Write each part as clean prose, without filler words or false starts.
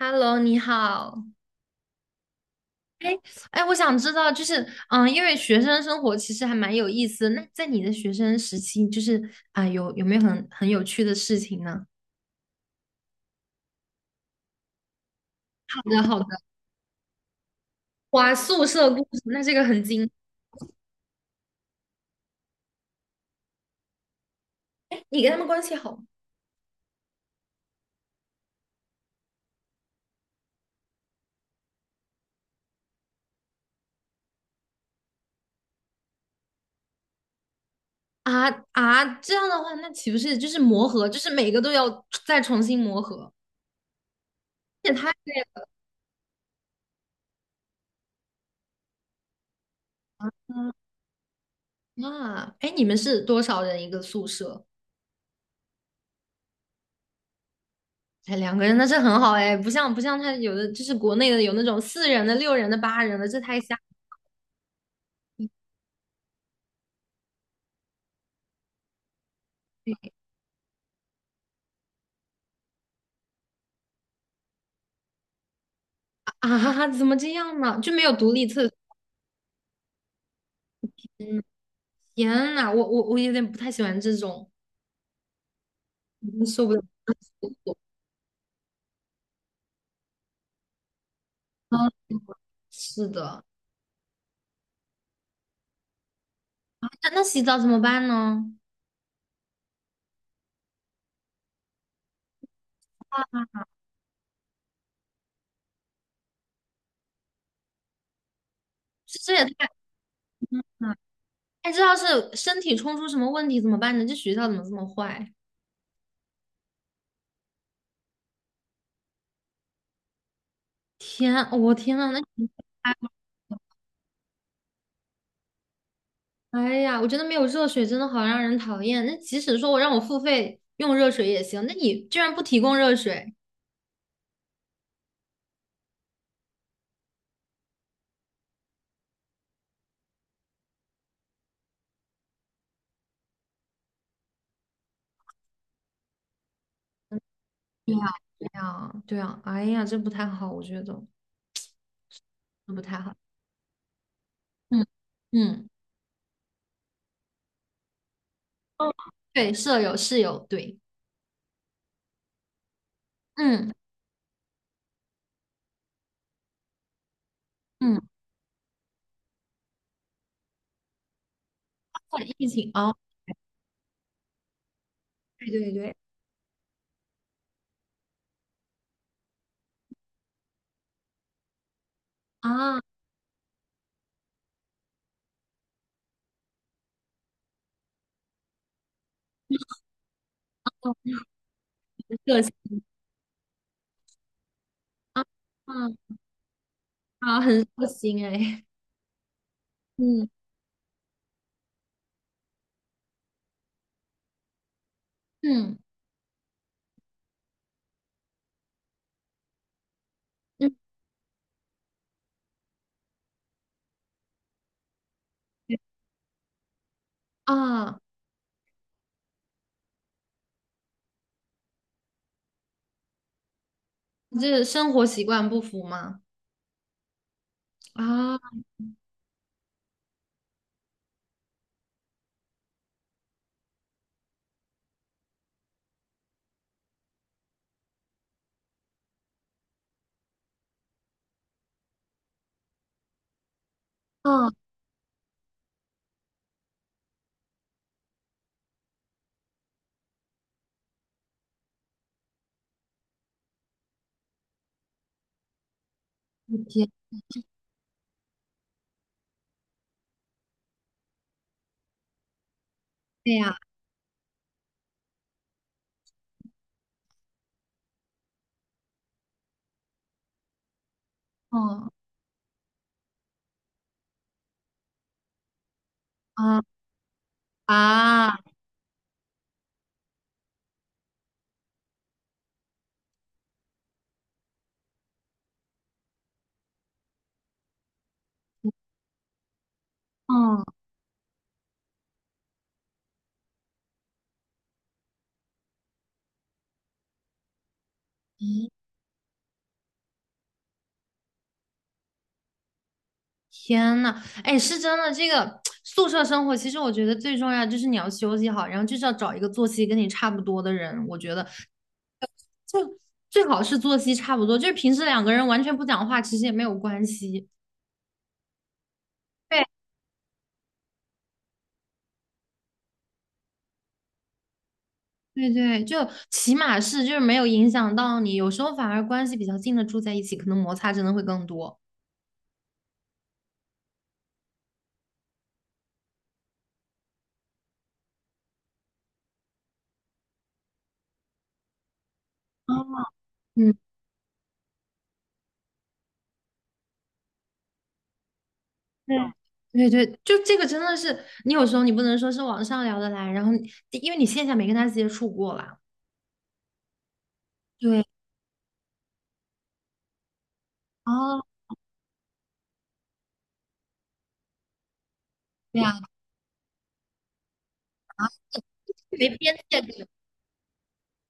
Hello，你好。哎，我想知道，就是，因为学生生活其实还蛮有意思的。那在你的学生时期，就是啊，有没有很有趣的事情呢？好的，好的。哇，宿舍故事，那这个很精。你跟他们关系好吗？这样的话，那岂不是就是磨合，就是每个都要再重新磨合，这也太累了啊。哎，你们是多少人一个宿舍？哎，两个人那是很好哎，不像他有的就是国内的有那种四人的、六人的、八人的，这太吓人了啊，怎么这样呢？就没有独立厕所？嗯，天呐，我有点不太喜欢这种，我真受不了厕所。嗯，是的，那洗澡怎么办呢？这也太。哎，这要是身体冲出什么问题怎么办呢？这学校怎么这么坏？天，天呐，那你哎哎呀，我觉得没有热水真的好让人讨厌。那即使说我让我付费用热水也行，那你居然不提供热水？对呀，对呀，对呀，哎呀，这不太好，我觉得这不太好。嗯嗯。哦，对，舍友、室友，对，嗯嗯，或者疫情哦，对对对，啊，哦，很热心，啊啊啊，很热心哎，嗯嗯嗯，对啊，你这生活习惯不符吗？啊啊，我天，对呀，哦，啊啊，哦，天呐，哎，是真的，这个 宿舍生活，其实我觉得最重要就是你要休息好，然后就是要找一个作息跟你差不多的人，我觉得。就最好是作息差不多，就是平时两个人完全不讲话，其实也没有关系。对对对，就起码是就是没有影响到你，有时候反而关系比较近的住在一起，可能摩擦真的会更多。哦，嗯，对对对，就这个真的是，你有时候你不能说是网上聊得来，然后你因为你线下没跟他接触过啦，对，哦，对呀，没边界感，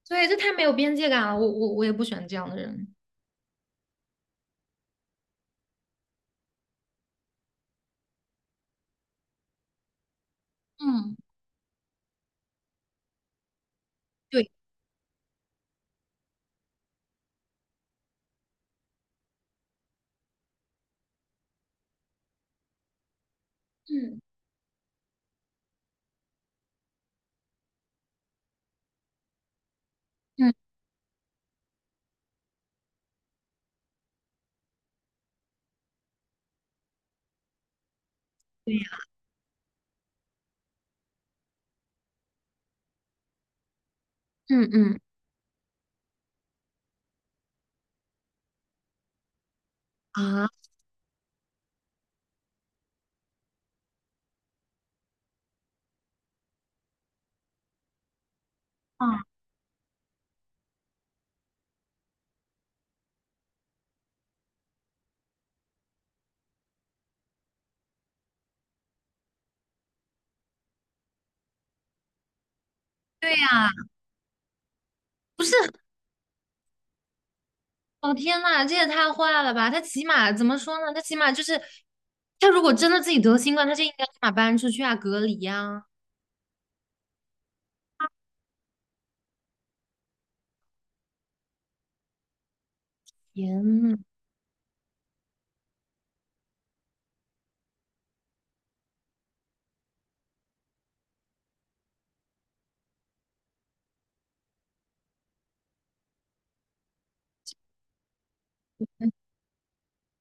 对，这太没有边界感了，我也不喜欢这样的人。嗯，对，嗯嗯，对呀，嗯嗯。啊。对呀，不是，哦天呐，这也太坏了吧！他起码怎么说呢？他起码就是，他如果真的自己得新冠，他就应该立马搬出去啊，隔离呀、天呐，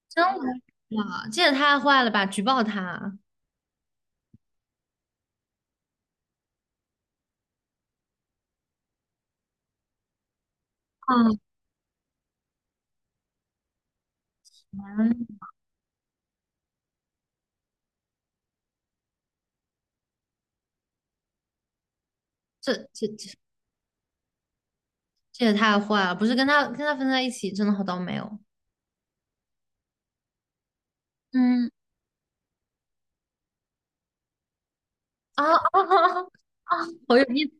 真无语啊！这也太坏了吧！举报他！啊，这这这这也太坏了！不是跟他分在一起，真的好倒霉哦。嗯，啊啊啊！啊好有意思，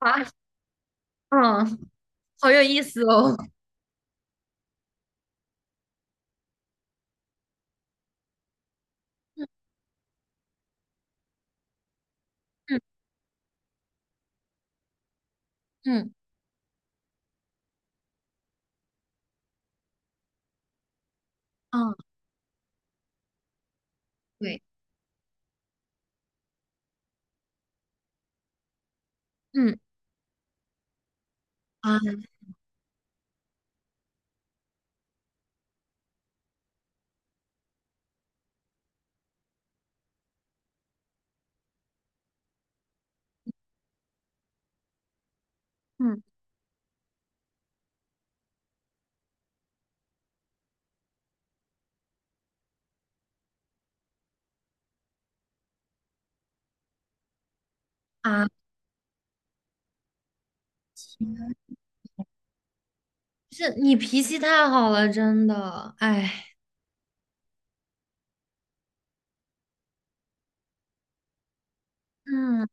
啊！嗯，好有意思哦。嗯嗯嗯，啊对，嗯啊嗯啊。是你脾气太好了，真的，哎，嗯，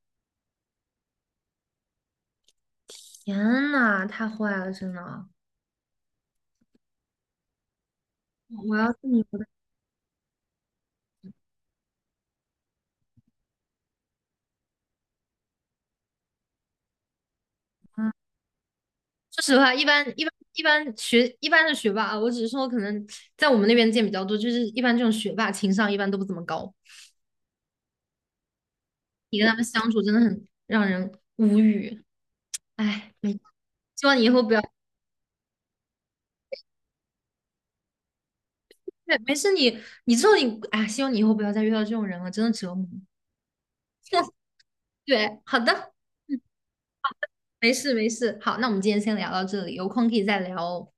天呐，太坏了，真的，我要是你，我的妈！说实话，一般的学霸啊，我只是说可能在我们那边见比较多，就是一般这种学霸情商一般都不怎么高，你跟他们相处真的很让人无语，哎，没，希望你以后不要，对，没事你，你之后你，哎，希望你以后不要再遇到这种人了，真的折磨。对，好的，嗯，没事没事，好，那我们今天先聊到这里，有空可以再聊哦。